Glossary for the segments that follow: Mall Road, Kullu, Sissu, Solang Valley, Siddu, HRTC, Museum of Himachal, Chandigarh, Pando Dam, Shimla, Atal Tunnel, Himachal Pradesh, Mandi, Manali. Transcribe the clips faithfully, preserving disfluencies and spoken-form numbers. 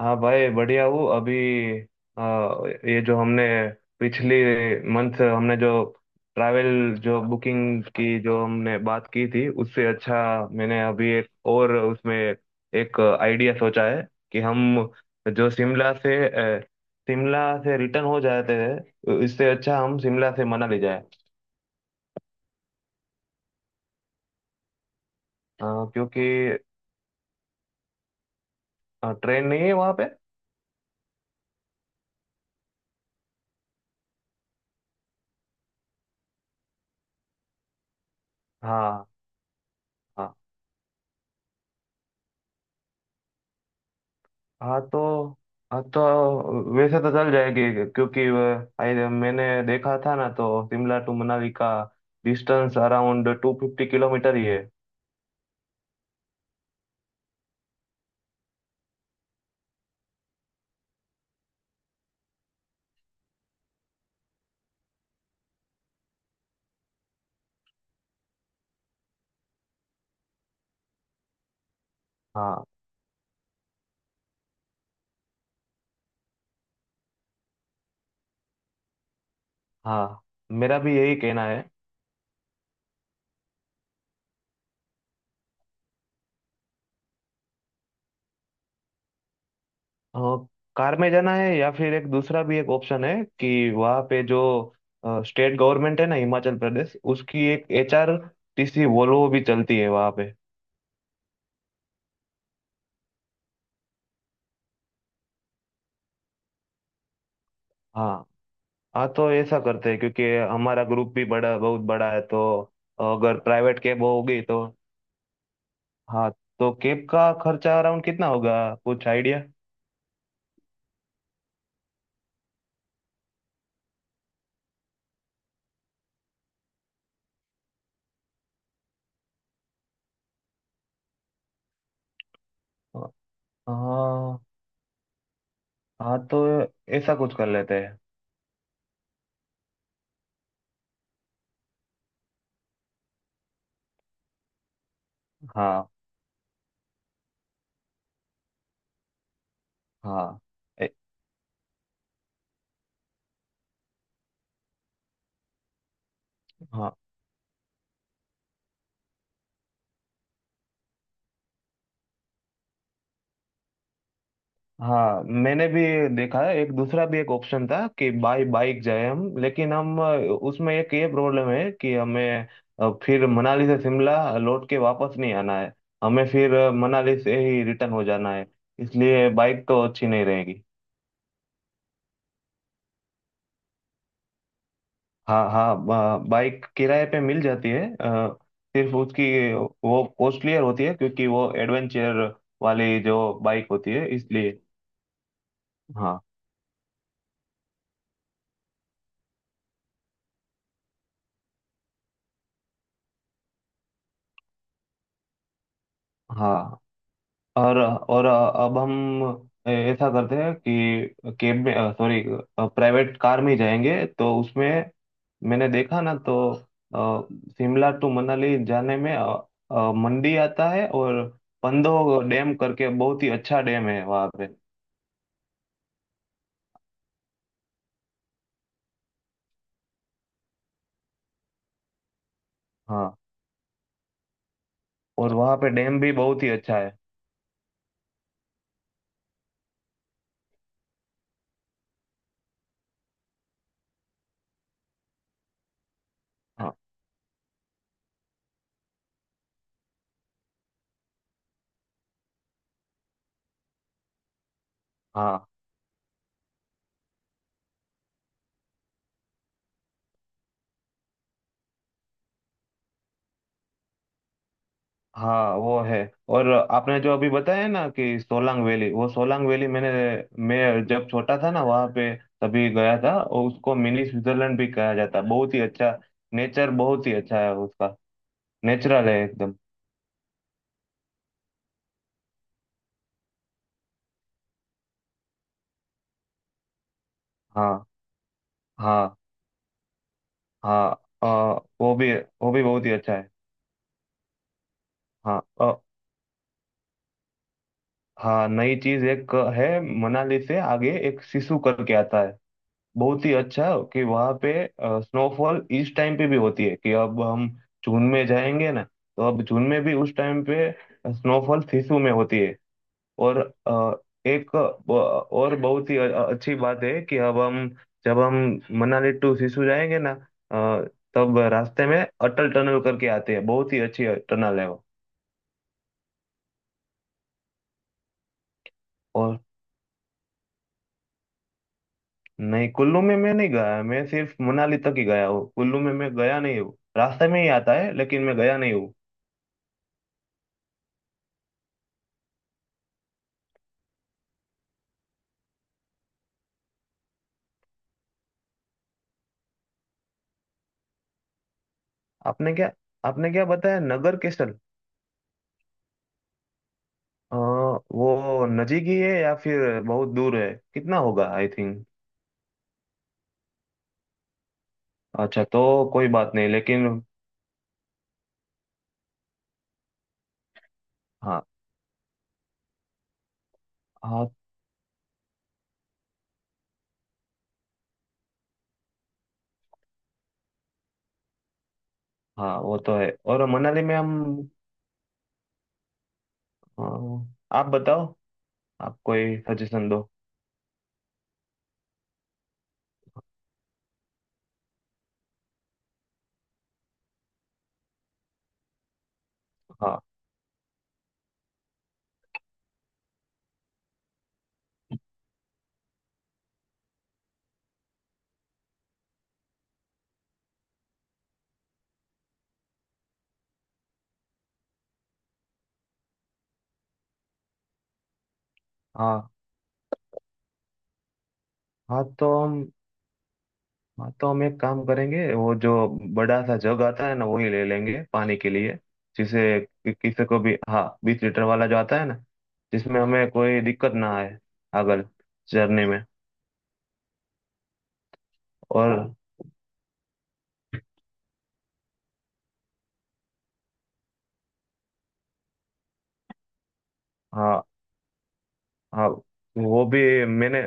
हाँ भाई बढ़िया हूँ अभी। आ, ये जो हमने पिछली मंथ हमने जो ट्रैवल जो बुकिंग की जो हमने बात की थी, उससे अच्छा मैंने अभी एक और उसमें एक आइडिया सोचा है कि हम जो शिमला से अ, शिमला से रिटर्न हो जाते हैं, इससे अच्छा हम शिमला से मनाली जाए। अ, क्योंकि ट्रेन नहीं है वहाँ पे। हाँ। हाँ। हाँ तो हाँ तो वैसे तो चल जाएगी क्योंकि वह- आई मैंने देखा था ना, तो शिमला टू मनाली का distance around two fifty kilometre ही है। हाँ। हाँ, मेरा भी यही कहना है। और कार में जाना है या फिर एक दूसरा भी एक ऑप्शन है कि वहाँ पे जो स्टेट गवर्नमेंट है ना, हिमाचल प्रदेश, उसकी एक H R T C Volvo भी चलती है वहाँ पे। हाँ। हाँ तो ऐसा करते हैं क्योंकि हमारा ग्रुप भी बड़ा बहुत बड़ा है, तो अगर प्राइवेट कैब होगी तो। हाँ तो केप का खर्चा अराउंड कितना होगा, कुछ आइडिया? हाँ। हाँ तो ऐसा कुछ कर लेते हैं। हाँ। हाँ। ए, हाँ। हाँ मैंने भी देखा है, एक दूसरा भी एक ऑप्शन था कि बाई बाइक जाए हम, लेकिन हम अ, उसमें एक ये प्रॉब्लम है कि हमें अ, फिर मनाली से शिमला लौट के वापस नहीं आना है, हमें फिर अ, मनाली से ही रिटर्न हो जाना है, इसलिए बाइक तो अच्छी नहीं रहेगी। हाँ, हाँ बाइक किराए पे मिल जाती है। अ, सिर्फ उसकी वो कॉस्टलियर होती है क्योंकि वो एडवेंचर वाली जो बाइक होती है, इसलिए। हाँ। हाँ। और और अब हम ऐसा करते हैं कि कैब में, सॉरी, प्राइवेट कार में जाएंगे तो उसमें मैंने देखा ना, तो अ, शिमला टू मनाली जाने में अ, अ, मंडी आता है और पंदो डैम करके, बहुत ही अच्छा डैम है वहाँ पे। हाँ, और वहाँ पे डैम भी बहुत ही अच्छा है। हाँ। हाँ। हाँ वो है। और आपने जो अभी बताया ना कि सोलांग वैली, वो सोलांग वैली मैंने, मैं जब छोटा था ना वहाँ पे, तभी गया था, और उसको मिनी स्विट्जरलैंड भी कहा जाता है। बहुत ही अच्छा नेचर, बहुत ही अच्छा है उसका। नेचुरल है एकदम। हाँ। हाँ। हाँ। अ, वो भी वो भी बहुत ही अच्छा है। हाँ। अ, हाँ, नई चीज एक है। मनाली से आगे एक सिसु करके आता है, बहुत ही अच्छा। कि वहाँ पे स्नोफॉल इस टाइम पे भी होती है, कि अब हम जून में जाएंगे ना, तो अब जून में भी उस टाइम पे स्नोफॉल सिसु में होती है। और अ, एक ब- और बहुत ही अ- अच्छी बात है कि अब हम जब हम मनाली टू सिसु जाएंगे ना, अ, तब रास्ते में अटल टनल करके आते हैं, बहुत ही अच्छी टनल है वो। और नहीं, कुल्लू में मैं नहीं गया, मैं सिर्फ मनाली तक ही गया हूँ। कुल्लू में मैं गया नहीं हूँ, रास्ते में ही आता है लेकिन मैं गया नहीं हूँ। आपने क्या आपने क्या बताया, नगर केसल? अ, वो नजीक ही है या फिर बहुत दूर है, कितना होगा? आई थिंक अच्छा तो कोई बात नहीं, लेकिन। हाँ। हाँ। हाँ वो तो है। और मनाली में हम अ, आप बताओ, आप कोई सजेशन दो। हाँ। हाँ। हाँ तो हम हाँ तो हम एक काम करेंगे, वो जो बड़ा सा जग आता है ना, वही ले लेंगे पानी के लिए, जिसे कि- किसी को भी। हाँ, बीस लीटर वाला जो आता है ना, जिसमें हमें कोई दिक्कत ना आए अगर जर्नी में। और हाँ। हाँ वो भी। मैंने,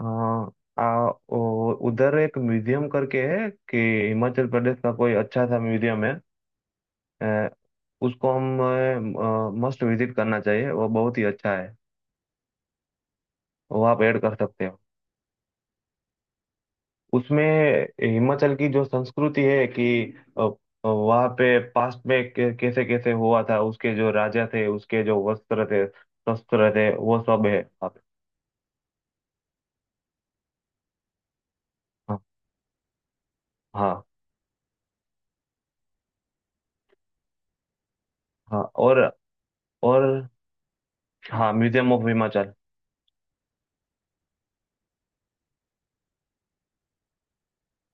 हाँ आ, वो- उधर एक म्यूजियम करके है, कि हिमाचल प्रदेश का कोई अच्छा सा म्यूजियम है। अ, उसको हम मस्ट विजिट करना चाहिए, वो बहुत ही अच्छा है। वो आप ऐड कर सकते हो। उसमें हिमाचल की जो संस्कृति है, कि अ, वहाँ पे पास्ट में कै- कैसे कैसे हुआ था, उसके जो राजा थे, उसके जो वस्त्र थे, शस्त्र थे, वो सब है वहाँ पे। हाँ। हाँ। हाँ। और और हाँ, म्यूजियम ऑफ हिमाचल।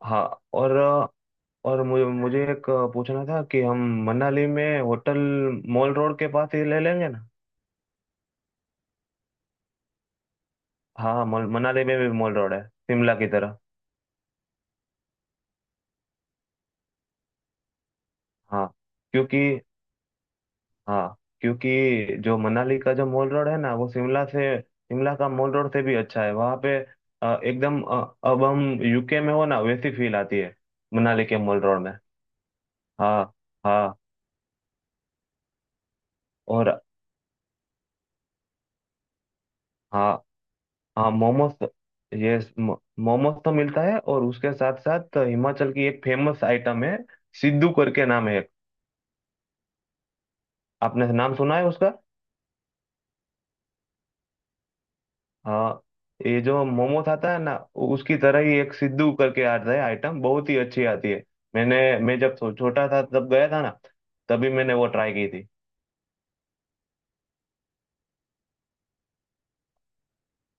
हाँ। और और मुझे मुझे एक पूछना था कि हम मनाली में होटल मॉल रोड के पास ही ले लेंगे ना? हाँ मॉल- मनाली में भी मॉल रोड है, शिमला की तरह। हाँ। क्योंकि हाँ क्योंकि जो मनाली का जो मॉल रोड है ना, वो शिमला से, शिमला का मॉल रोड से भी अच्छा है वहाँ पे। अ, एकदम। अ, अब हम यूके में हो ना, वैसी फील आती है मनाली के मॉल रोड में। हाँ। हाँ और। हाँ। हाँ मोमोस, ये मोमोस तो मिलता है, और उसके साथ साथ हिमाचल की एक फेमस आइटम है सिद्धू करके, नाम है एक। आपने नाम सुना है उसका? हाँ, ये जो मोमोस आता है ना, उसकी तरह ही एक सिद्धू करके आता है आइटम, बहुत ही अच्छी आती है। मैंने मैं जब छो- छोटा था तब गया था ना, तभी मैंने वो ट्राई की थी।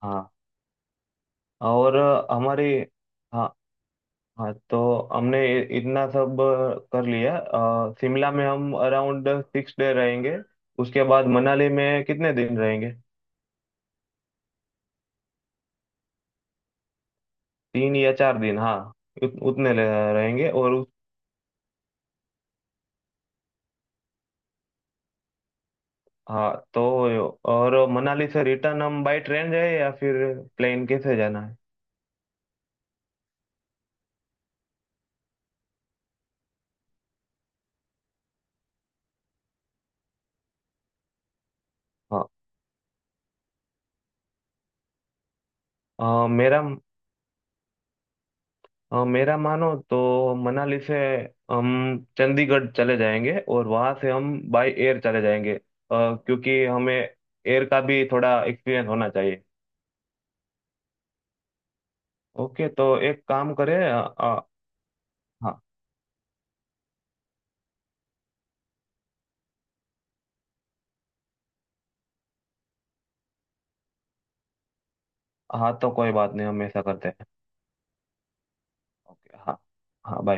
हाँ और अ, हमारी हाँ। हाँ तो हमने इ- इतना सब अ, कर लिया। अ, शिमला में हम अराउंड सिक्स डे रहेंगे, उसके बाद मनाली में कितने दिन रहेंगे? तीन या चार दिन हाँ, उत, उतने ले- रहेंगे। और हाँ तो, और मनाली से रिटर्न हम बाई ट्रेन जाए या फिर प्लेन, कैसे जाना है? हाँ अ, मेरा अ, मेरा मानो तो मनाली से हम चंडीगढ़ चले जाएंगे, और वहाँ से हम बाई एयर चले जाएंगे। अ, क्योंकि हमें एयर का भी थोड़ा एक्सपीरियंस होना चाहिए। ओके, तो एक काम करें अ, अ, हाँ। हाँ तो कोई बात नहीं, हम ऐसा करते हैं। ओके। हाँ। हाँ, बाय।